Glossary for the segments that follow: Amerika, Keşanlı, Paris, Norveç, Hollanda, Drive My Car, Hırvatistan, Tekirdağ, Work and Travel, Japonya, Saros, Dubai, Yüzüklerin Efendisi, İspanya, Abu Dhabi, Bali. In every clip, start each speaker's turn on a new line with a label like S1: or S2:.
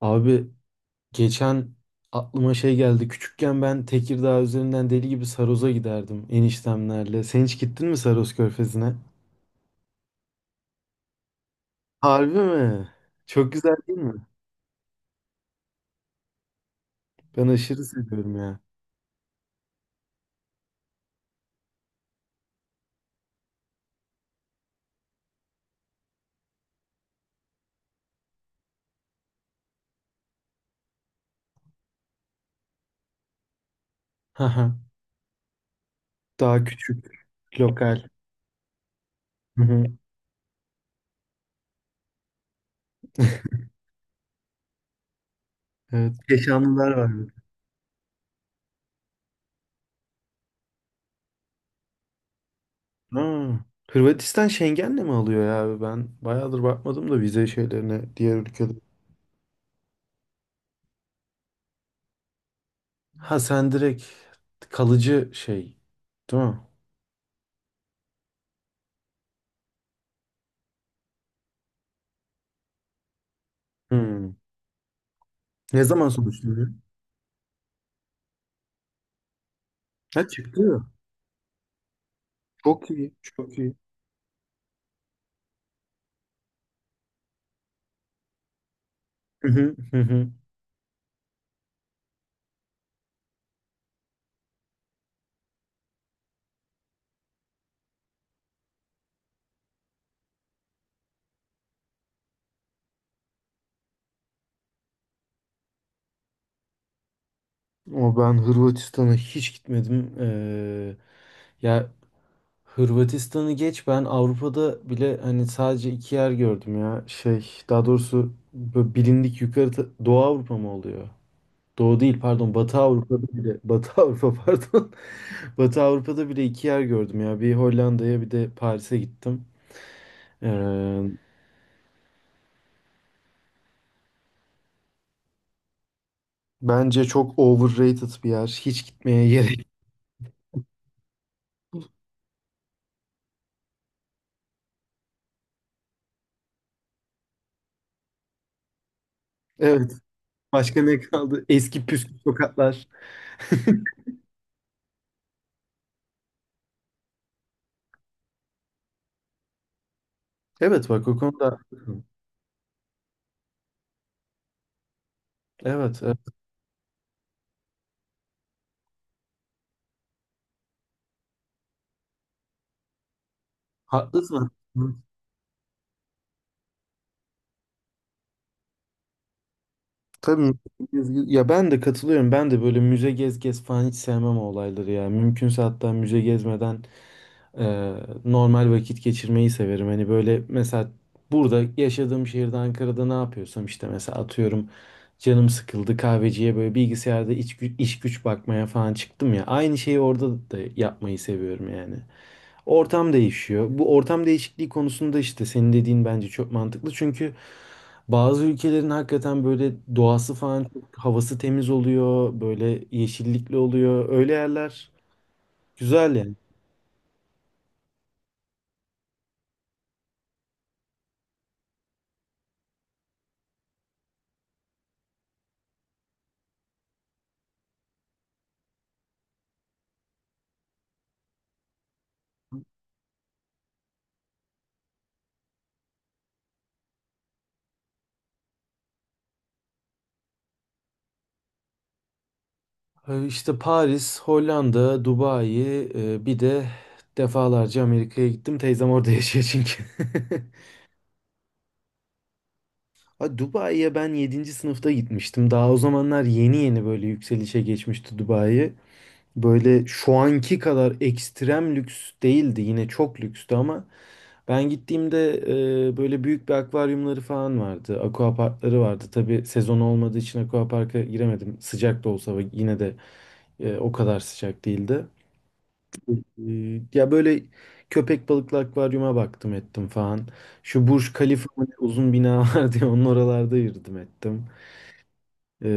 S1: Abi geçen aklıma şey geldi. Küçükken ben Tekirdağ üzerinden deli gibi Saros'a giderdim eniştemlerle. Sen hiç gittin mi Saros Körfezi'ne? Harbi mi? Çok güzel değil mi? Ben aşırı seviyorum ya. Haha. Daha küçük, lokal. Hı hı. Evet. Keşanlılar var bir de. Ha. Hırvatistan Schengen'le mi alıyor ya abi? Ben bayağıdır bakmadım da vize şeylerine diğer ülkede. Ha sen direkt kalıcı şey, değil mi? Hmm. Ne zaman sonuçlanıyor? Ha çıktı. Çok iyi. Çok iyi. Hı hı, hı hı. Ama ben Hırvatistan'a hiç gitmedim. Ya Hırvatistan'ı geç ben Avrupa'da bile hani sadece iki yer gördüm ya. Şey daha doğrusu böyle bilindik yukarı Doğu Avrupa mı oluyor? Doğu değil pardon Batı Avrupa'da bile Batı Avrupa pardon. Batı Avrupa'da bile iki yer gördüm ya. Bir Hollanda'ya bir de Paris'e gittim. Ee, bence çok overrated bir yer. Hiç gitmeye gerek. Başka ne kaldı? Eski püskü sokaklar. Evet bak o konuda haklısın. Evet, evet. Haklısın. Hı. Tabii ya ben de katılıyorum. Ben de böyle müze gez gez falan hiç sevmem o olayları ya. Mümkünse hatta müze gezmeden e, normal vakit geçirmeyi severim. Hani böyle mesela burada yaşadığım şehirde Ankara'da ne yapıyorsam işte mesela atıyorum canım sıkıldı kahveciye böyle bilgisayarda iş güç bakmaya falan çıktım ya. Aynı şeyi orada da yapmayı seviyorum yani. Ortam değişiyor. Bu ortam değişikliği konusunda işte senin dediğin bence çok mantıklı. Çünkü bazı ülkelerin hakikaten böyle doğası falan çok havası temiz oluyor. Böyle yeşillikli oluyor. Öyle yerler güzel yani. İşte Paris, Hollanda, Dubai, bir de defalarca Amerika'ya gittim. Teyzem orada yaşıyor çünkü. Ha, Dubai'ye ben yedinci sınıfta gitmiştim. Daha o zamanlar yeni yeni böyle yükselişe geçmişti Dubai. Böyle şu anki kadar ekstrem lüks değildi. Yine çok lükstü ama ben gittiğimde böyle büyük bir akvaryumları falan vardı. Aquaparkları vardı. Tabii sezon olmadığı için aquaparka giremedim. Sıcak da olsa ve yine de o kadar sıcak değildi. E, ya böyle köpek balıklı akvaryuma baktım ettim falan. Şu Burj Khalifa mı ne uzun bina var diye onun oralarda yürüdüm ettim. E,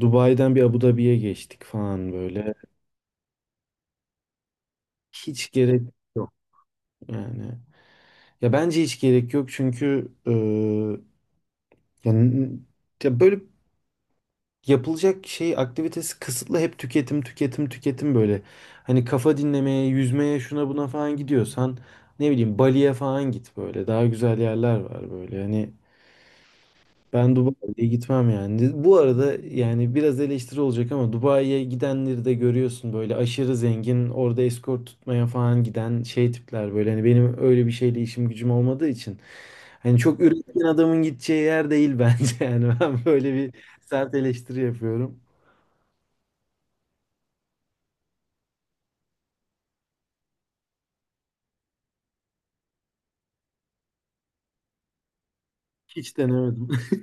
S1: Dubai'den bir Abu Dhabi'ye geçtik falan böyle. Hiç gerek. Yani ya bence hiç gerek yok çünkü yani ya böyle yapılacak şey aktivitesi kısıtlı hep tüketim tüketim tüketim böyle. Hani kafa dinlemeye, yüzmeye, şuna buna falan gidiyorsan ne bileyim Bali'ye falan git böyle. Daha güzel yerler var böyle. Hani ben Dubai'ye gitmem yani. Bu arada yani biraz eleştiri olacak ama Dubai'ye gidenleri de görüyorsun böyle aşırı zengin, orada eskort tutmaya falan giden şey tipler böyle. Hani benim öyle bir şeyle işim gücüm olmadığı için. Hani çok üretken adamın gideceği yer değil bence yani. Ben böyle bir sert eleştiri yapıyorum. Hiç denemedim.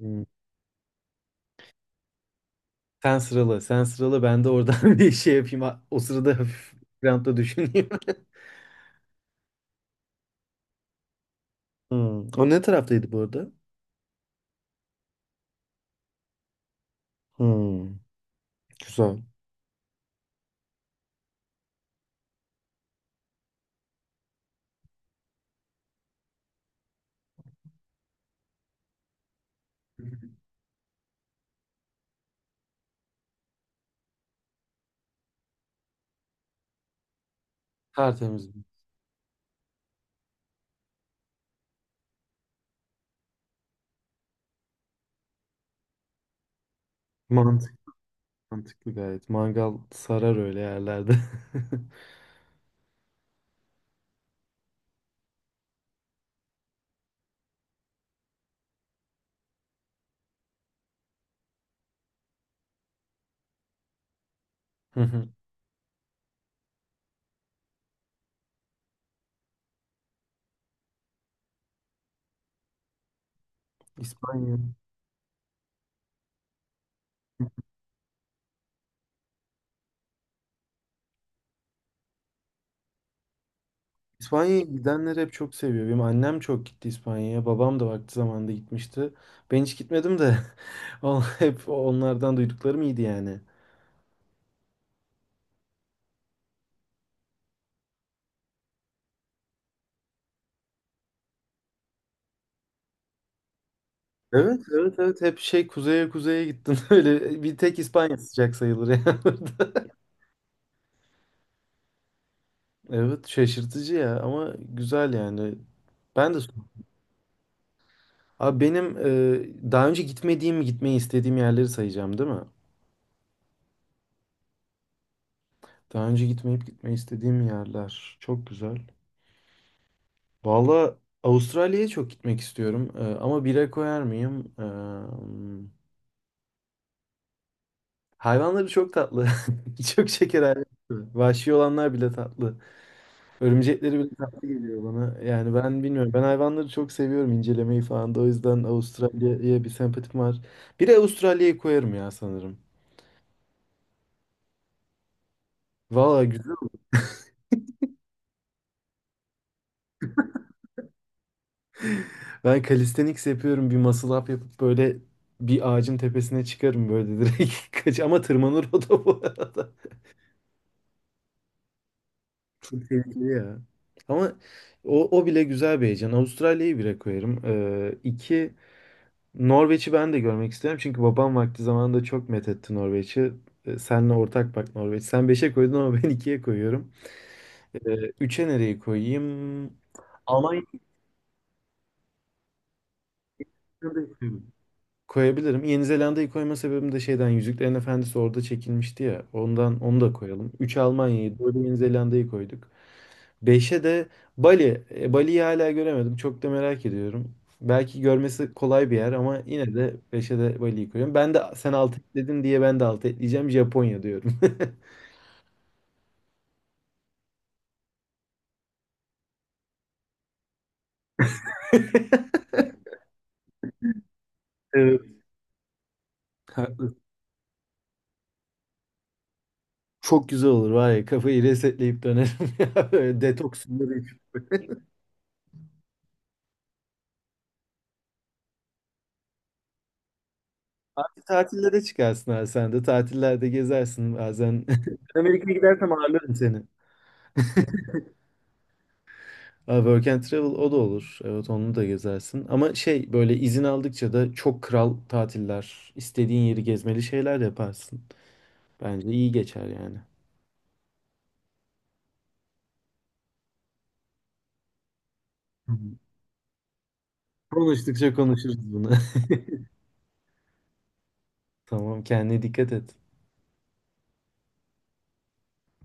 S1: Hmm. Sen sıralı, sen sıralı ben de oradan bir şey yapayım. O sırada hafif grantta düşüneyim. Hmm. O ne taraftaydı bu arada? Hmm. Güzel. Tertemiz. Mantıklı, mantıklı gayet. Mangal sarar öyle yerlerde. Hı hı. İspanya. İspanya'ya gidenler hep çok seviyor. Benim annem çok gitti İspanya'ya. Babam da vakti zamanında gitmişti. Ben hiç gitmedim de hep onlardan duyduklarım iyiydi yani. Evet, evet, evet. Hep şey kuzeye kuzeye gittim. Öyle bir tek İspanya sıcak sayılır yani. Evet, şaşırtıcı ya ama güzel yani. Ben de Abi benim daha önce gitmediğim, gitmeyi istediğim yerleri sayacağım, değil mi? Daha önce gitmeyip gitmeyi istediğim yerler. Çok güzel. Valla Avustralya'ya çok gitmek istiyorum. Ama bire koyar mıyım? Hayvanları çok tatlı. Çok şeker hayvanları. Vahşi olanlar bile tatlı. Örümcekleri bile tatlı geliyor bana. Yani ben bilmiyorum. Ben hayvanları çok seviyorum incelemeyi falan da. O yüzden Avustralya'ya bir sempatim var. Bir de Avustralya'yı koyarım ya sanırım. Valla ben calisthenics yapıyorum. Bir muscle up yapıp böyle bir ağacın tepesine çıkarım böyle direkt. Kaç ama tırmanır o da bu arada. Çok tehlikeli ya. Ama o, o bile güzel bir heyecan. Avustralya'yı bire koyarım. Norveç'i ben de görmek isterim. Çünkü babam vakti zamanında çok methetti Norveç'i. Senle ortak bak Norveç. Sen beşe koydun ama ben ikiye koyuyorum. Ee, 3'e nereyi koyayım? Almanya'yı da isterim. Koyabilirim. Yeni Zelanda'yı koyma sebebim de şeyden Yüzüklerin Efendisi orada çekilmişti ya. Ondan onu da koyalım. 3 Almanya'yı, 4 Yeni Zelanda'yı koyduk. Beşe de Bali. Bali'yi hala göremedim. Çok da merak ediyorum. Belki görmesi kolay bir yer ama yine de beşe de Bali'yi koyuyorum. Ben de sen 6 dedin diye ben de 6 ekleyeceğim. Japonya diyorum. Evet. Haklı. Çok güzel olur var ya kafayı resetleyip dönerim ya. Böyle detoks. Tatillere çıkarsın abi sen de. Tatillerde gezersin bazen. Ben Amerika'ya gidersem ağırlarım seni. Abi Work and Travel o da olur. Evet onu da gezersin. Ama şey böyle izin aldıkça da çok kral tatiller, istediğin yeri gezmeli şeyler yaparsın. Bence iyi geçer yani. Hı hı. Konuştukça konuşuruz bunu. Tamam kendine dikkat et.